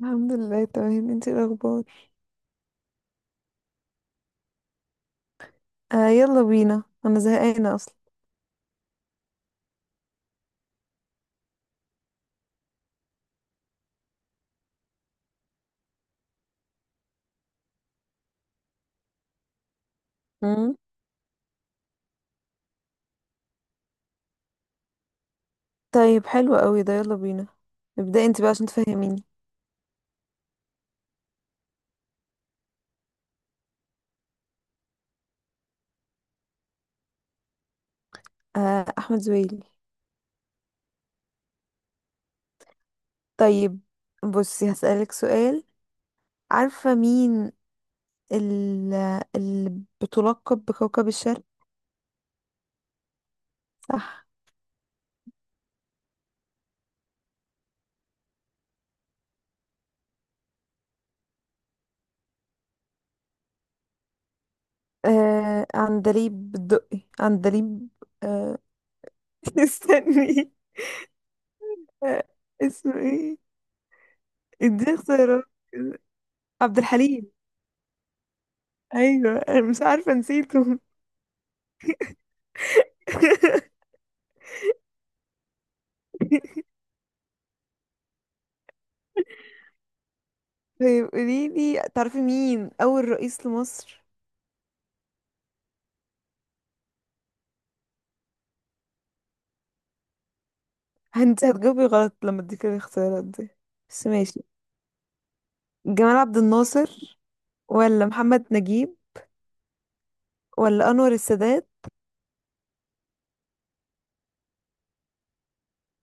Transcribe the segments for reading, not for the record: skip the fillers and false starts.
الحمد لله، تمام. انتي ايه الاخبار؟ آه، يلا بينا، انا زهقانه اصلا. امم طيب حلو قوي ده، يلا بينا. ابدأي انت بقى عشان تفهميني. آه، احمد زويل. طيب بصي هسألك سؤال. عارفه مين ال- اللي بتلقب بكوكب الشرق؟ صح. آه، عندليب الدقي، عندليب. آه. استني. آه. اسمه ايه؟ اديه اختيارات. عبد الحليم. ايوه انا مش عارفه، نسيته. طيب قوليلي، تعرفي مين أول رئيس لمصر؟ انت هتجاوبي غلط لما اديك الاختيارات دي، بس ماشي. جمال عبد الناصر، ولا محمد نجيب، ولا أنور السادات،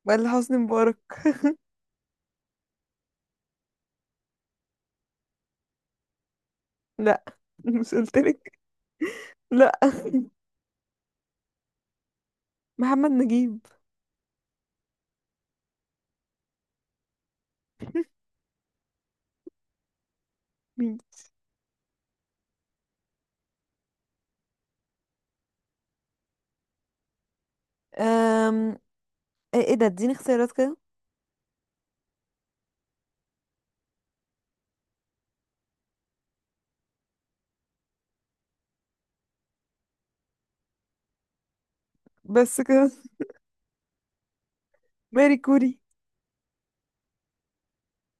ولا حسني مبارك. لا، مش قلتلك؟ لا. محمد نجيب. مين؟ أم... ايه، إيه ده؟ اديني اختيارات كده. بس كده. ماري كوري.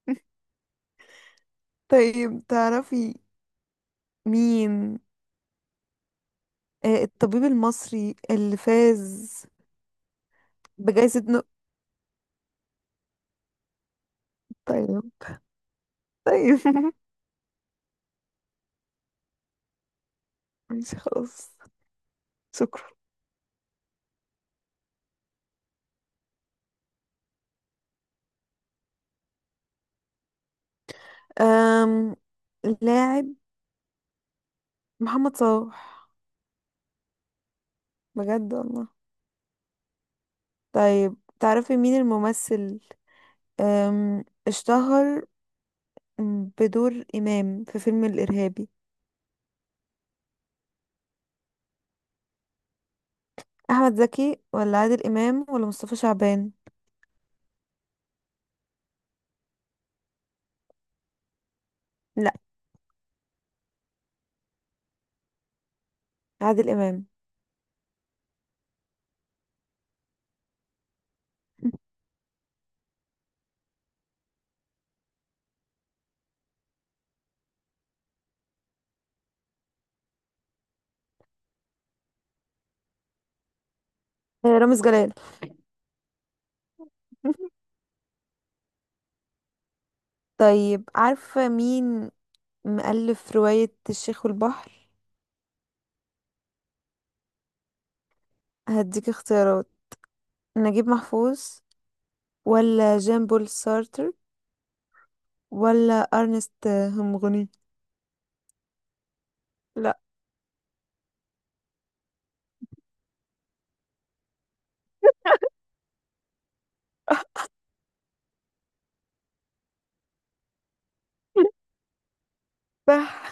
طيب تعرفي مين الطبيب المصري اللي فاز بجائزة طيب. طيب ماشي خلاص. شكرا. أم... لاعب. محمد صلاح. بجد والله. طيب تعرفي مين الممثل اشتهر بدور إمام في فيلم الإرهابي؟ أحمد زكي ولا عادل إمام ولا مصطفى شعبان؟ لا. عادل إمام. آه، رامز جلال. طيب عارفة مين مؤلف رواية الشيخ والبحر؟ هديك اختيارات. نجيب محفوظ، ولا جان بول سارتر، ولا ارنست همغني. لا. صح.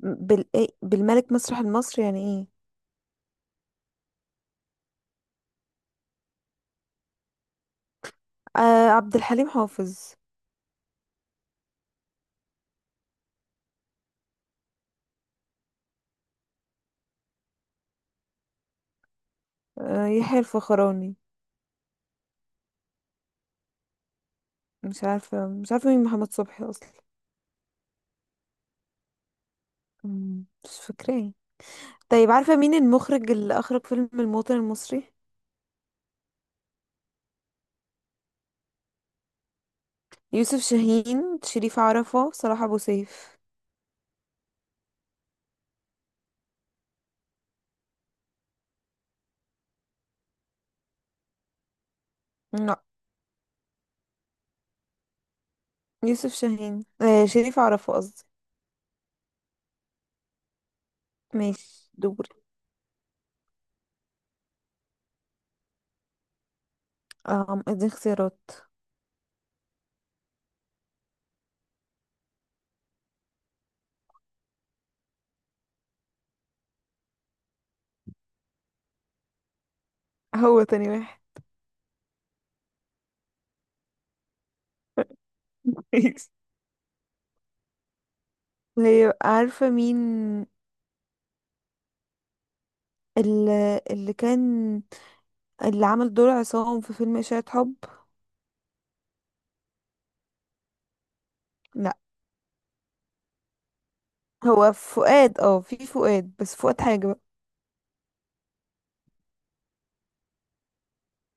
إيه؟ بالملك مسرح المصري يعني ايه؟ آه، عبد الحليم حافظ. آه، يحيى الفخراني. مش عارفه، مش عارفه مين محمد صبحي اصلا. مم، مش فاكراه. طيب عارفه مين المخرج اللي اخرج فيلم الموطن المصري؟ يوسف شاهين، شريف عرفة، صلاح ابو سيف. لا. يوسف شاهين، شريف عرفة قصدي. ماشي، دوري. اه، اديني اختيارات. هو تاني واحد. ماشي. طيب عارفه مين اللي, اللي كان اللي عمل دور عصام في فيلم إشاعة حب؟ لا. هو فؤاد، في فؤاد، بس فؤاد حاجة بقى.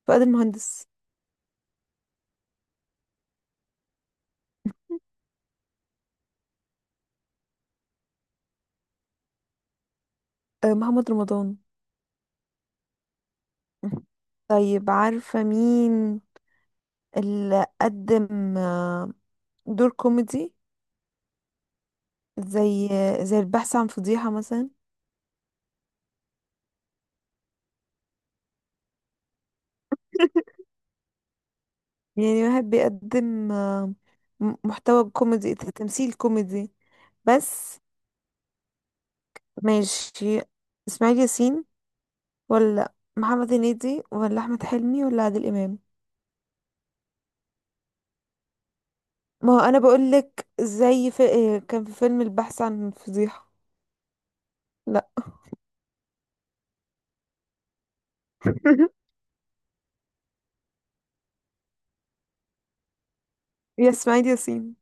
فؤاد المهندس. آه، محمد رمضان. طيب عارفة مين اللي قدم دور كوميدي؟ زي زي البحث عن فضيحة مثلا. يعني واحد بيقدم محتوى كوميدي، تمثيل كوميدي بس. ماشي. اسماعيل ياسين، ولا محمد هنيدي، ولا احمد حلمي، ولا عادل امام. ما هو انا بقول لك زي إيه، كان في فيلم البحث عن فضيحة. لا. يا اسماعيل ياسين.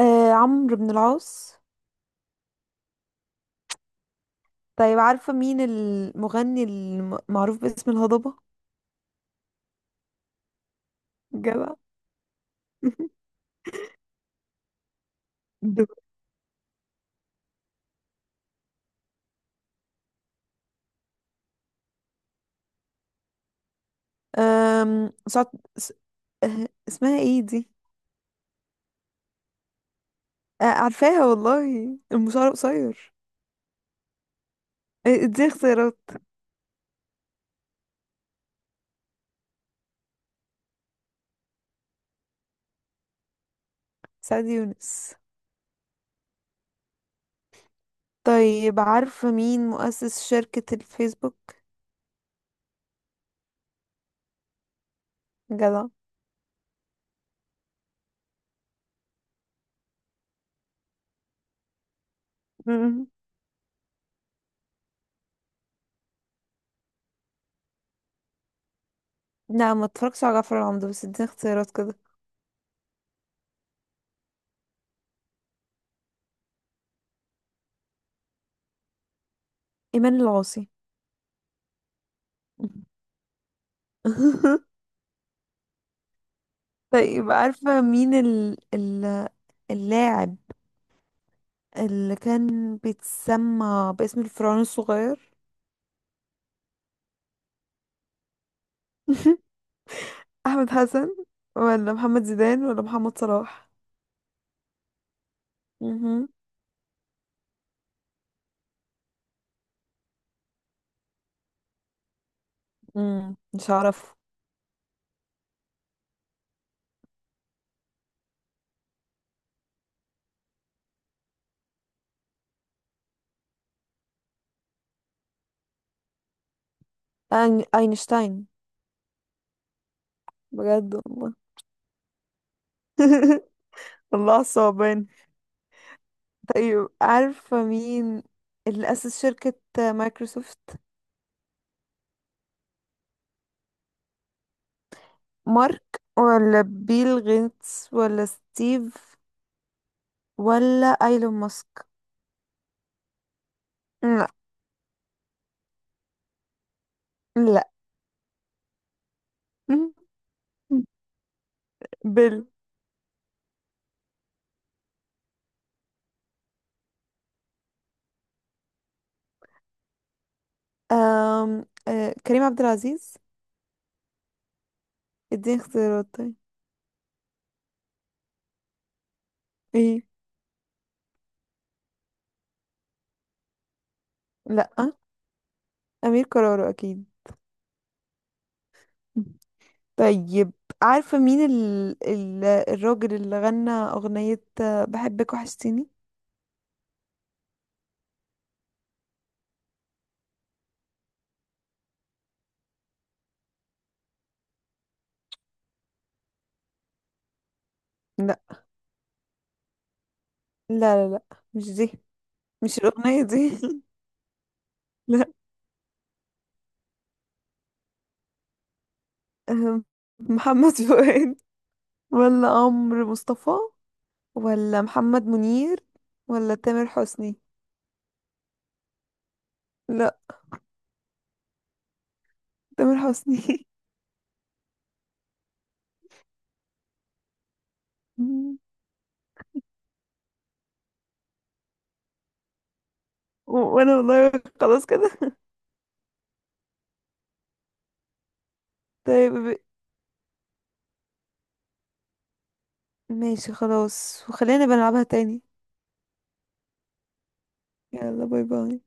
آه، عمرو بن العاص. طيب عارفة مين المغني المعروف باسم الهضبة؟ جدع. دو- أم... سعد... س... آه، اسمها ايه دي؟ آه، عارفاها والله، المشوار قصير. آه، دي اختيارات. سعد يونس. طيب عارفة مين مؤسس شركة الفيسبوك؟ جدع. مم. لا، ما اتفرجتش على جعفر العمدة، بس اديني اختيارات كده. ايمان العاصي. طيب عارفة مين اللاعب اللي كان بيتسمى باسم الفرعون الصغير؟ احمد حسن، ولا محمد زيدان، ولا محمد صلاح. مهم. مم. مش هعرفه. اينشتاين. بجد والله. الله، صعبان. طيب عارفة مين اللي أسس شركة مايكروسوفت؟ مارك، ولا بيل غيتس، ولا ستيف، ولا ايلون ماسك. لا. لا. بيل. كريم عبد العزيز. اديني اختيارات طيب. ايه. لا. امير كرارة اكيد. طيب عارفة مين الراجل اللي غنى اغنية بحبك وحشتيني؟ لا، لا، لا، لا. مش دي، مش الاغنية دي. لا. أم، محمد فؤاد، ولا عمرو مصطفى، ولا محمد منير، ولا تامر حسني. لا. تامر حسني. وانا والله، خلاص كده. طيب ماشي خلاص، وخلينا بنلعبها تاني. يلا، باي باي.